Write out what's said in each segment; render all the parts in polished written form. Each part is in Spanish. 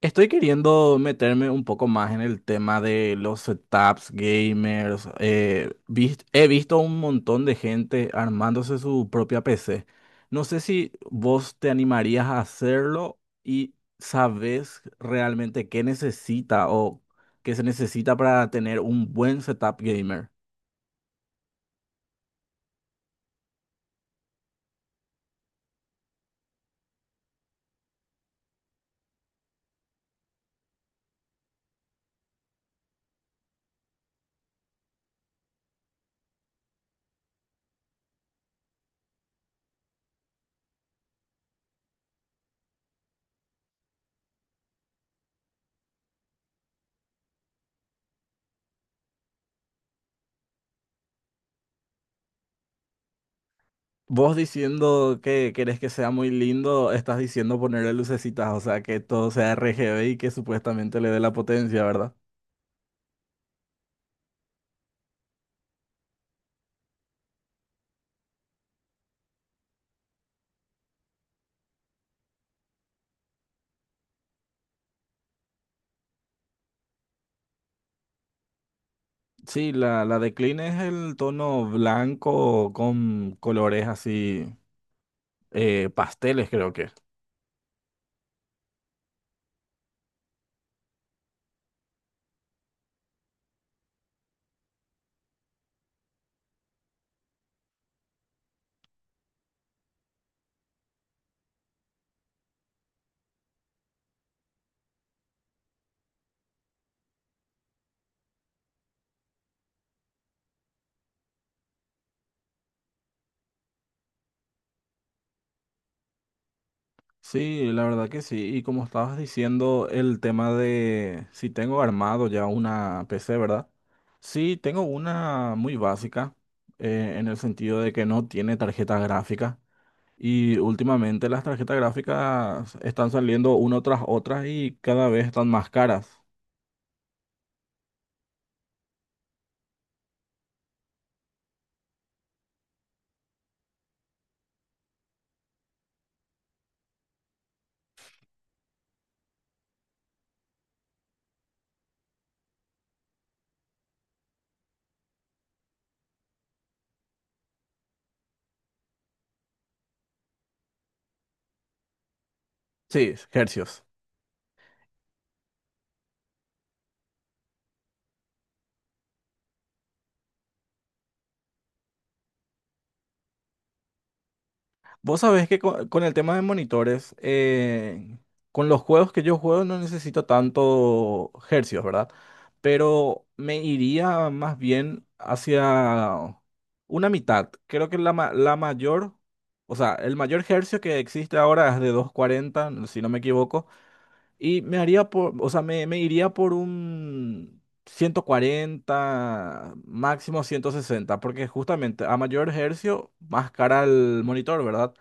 Estoy queriendo meterme un poco más en el tema de los setups gamers. He visto un montón de gente armándose su propia PC. No sé si vos te animarías a hacerlo y sabes realmente qué necesita o qué se necesita para tener un buen setup gamer. Vos diciendo que querés que sea muy lindo, estás diciendo ponerle lucecitas, o sea, que todo sea RGB y que supuestamente le dé la potencia, ¿verdad? Sí, la de Clean es el tono blanco con colores así, pasteles creo que es. Sí, la verdad que sí. Y como estabas diciendo, el tema de si tengo armado ya una PC, ¿verdad? Sí, tengo una muy básica, en el sentido de que no tiene tarjeta gráfica. Y últimamente las tarjetas gráficas están saliendo una tras otra y cada vez están más caras. Sí, hercios. Vos sabés que con el tema de monitores, con los juegos que yo juego no necesito tanto hercios, ¿verdad? Pero me iría más bien hacia una mitad. Creo que la mayor, o sea, el mayor hercio que existe ahora es de 240 si no me equivoco. Y me haría por, o sea, me iría por un 140 máximo 160 porque justamente a mayor hercio, más cara el monitor, ¿verdad?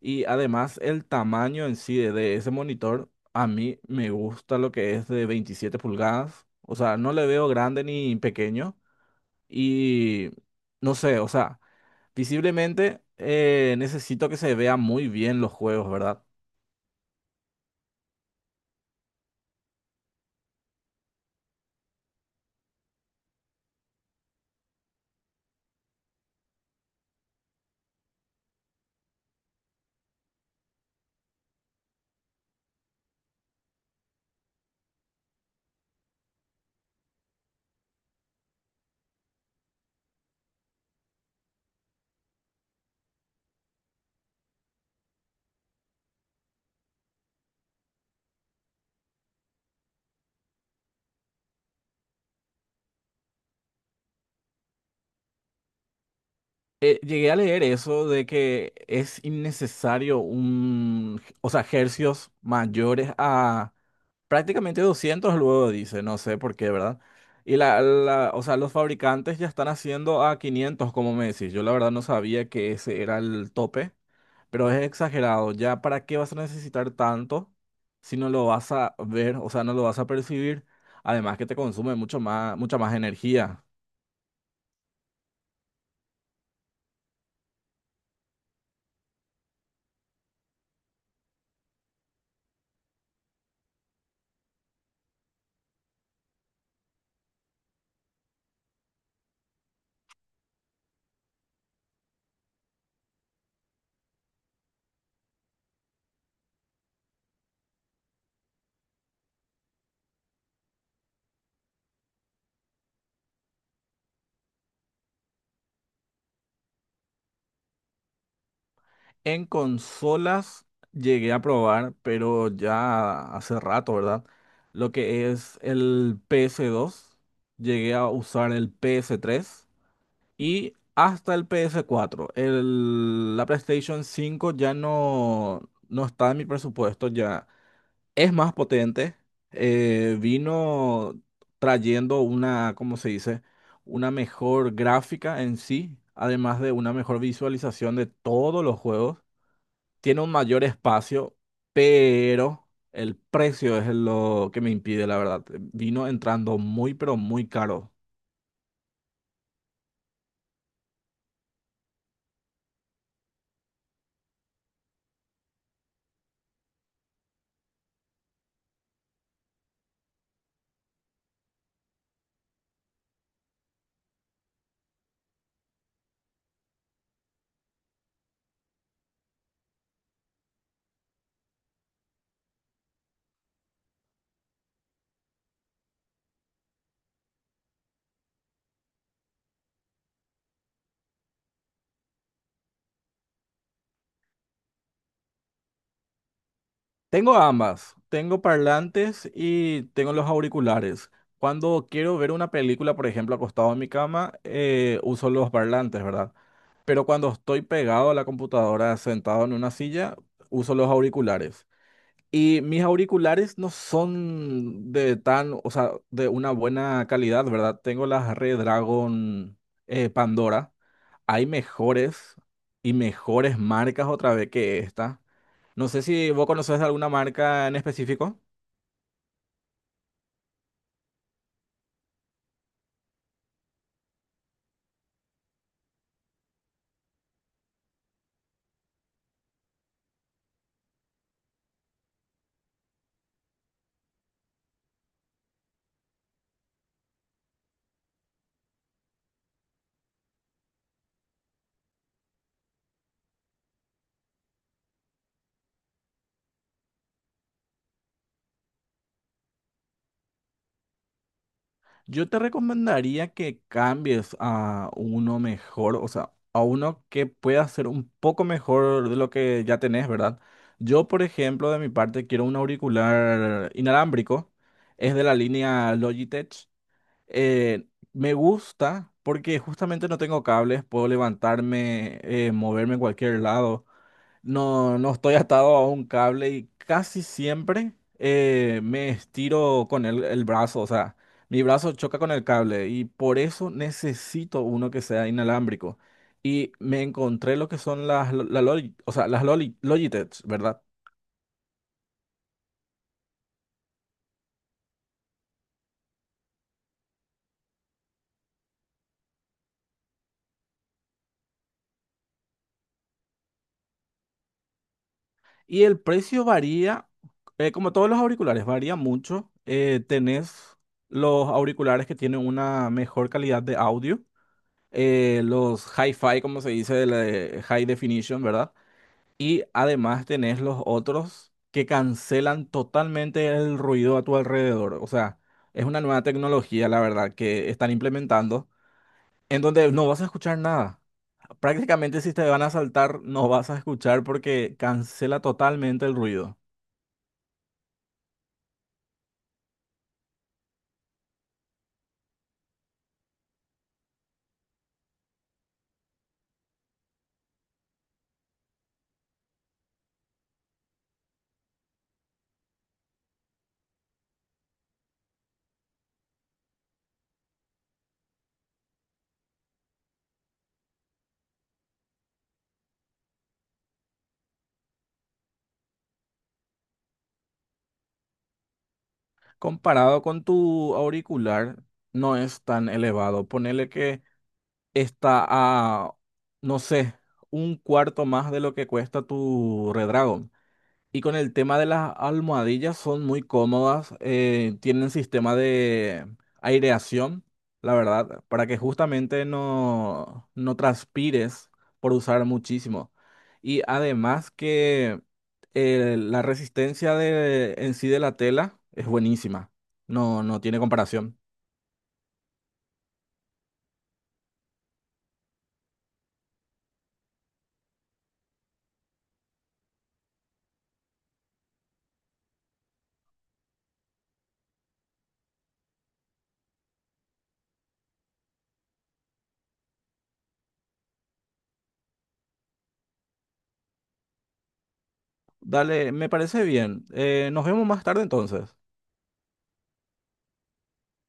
Y además el tamaño en sí de ese monitor, a mí me gusta lo que es de 27 pulgadas, o sea, no le veo grande ni pequeño, y no sé, o sea, visiblemente necesito que se vea muy bien los juegos, ¿verdad? Llegué a leer eso de que es innecesario un, o sea, hercios mayores a prácticamente 200 luego dice, no sé por qué, ¿verdad? Y o sea, los fabricantes ya están haciendo a 500, como me decís. Yo la verdad no sabía que ese era el tope, pero es exagerado. ¿Ya para qué vas a necesitar tanto si no lo vas a ver, o sea, no lo vas a percibir? Además que te consume mucho más, mucha más energía. En consolas llegué a probar, pero ya hace rato, ¿verdad? Lo que es el PS2 llegué a usar el PS3 y hasta el PS4. La PlayStation 5 ya no, no está en mi presupuesto, ya es más potente. Vino trayendo una, ¿cómo se dice? Una mejor gráfica en sí, además de una mejor visualización de todos los juegos tiene un mayor espacio, pero el precio es lo que me impide, la verdad. Vino entrando muy, pero muy caro. Tengo ambas. Tengo parlantes y tengo los auriculares. Cuando quiero ver una película, por ejemplo, acostado en mi cama, uso los parlantes, ¿verdad? Pero cuando estoy pegado a la computadora, sentado en una silla, uso los auriculares. Y mis auriculares no son de tan, o sea, de una buena calidad, ¿verdad? Tengo las Redragon Pandora. Hay mejores y mejores marcas otra vez que esta. No sé si vos conoces alguna marca en específico. Yo te recomendaría que cambies a uno mejor, o sea, a uno que pueda ser un poco mejor de lo que ya tenés, ¿verdad? Yo, por ejemplo, de mi parte, quiero un auricular inalámbrico, es de la línea Logitech. Eh, me gusta porque justamente no tengo cables, puedo levantarme, moverme en cualquier lado. No, no estoy atado a un cable y casi siempre me estiro con el brazo, o sea, mi brazo choca con el cable y por eso necesito uno que sea inalámbrico. Y me encontré lo que son las, lo- la Loli- o sea, las Logitech, ¿verdad? Y el precio varía, como todos los auriculares, varía mucho. Tenés los auriculares que tienen una mejor calidad de audio, los hi-fi, como se dice, de high definition, ¿verdad? Y además tenés los otros que cancelan totalmente el ruido a tu alrededor. O sea, es una nueva tecnología, la verdad, que están implementando, en donde no vas a escuchar nada. Prácticamente si te van a saltar no vas a escuchar porque cancela totalmente el ruido. Comparado con tu auricular, no es tan elevado. Ponele que está a, no sé, un cuarto más de lo que cuesta tu Redragon. Y con el tema de las almohadillas, son muy cómodas, tienen sistema de aireación, la verdad, para que justamente no transpires por usar muchísimo. Y además que la resistencia en sí de la tela es buenísima, no tiene comparación. Dale, me parece bien. Nos vemos más tarde entonces.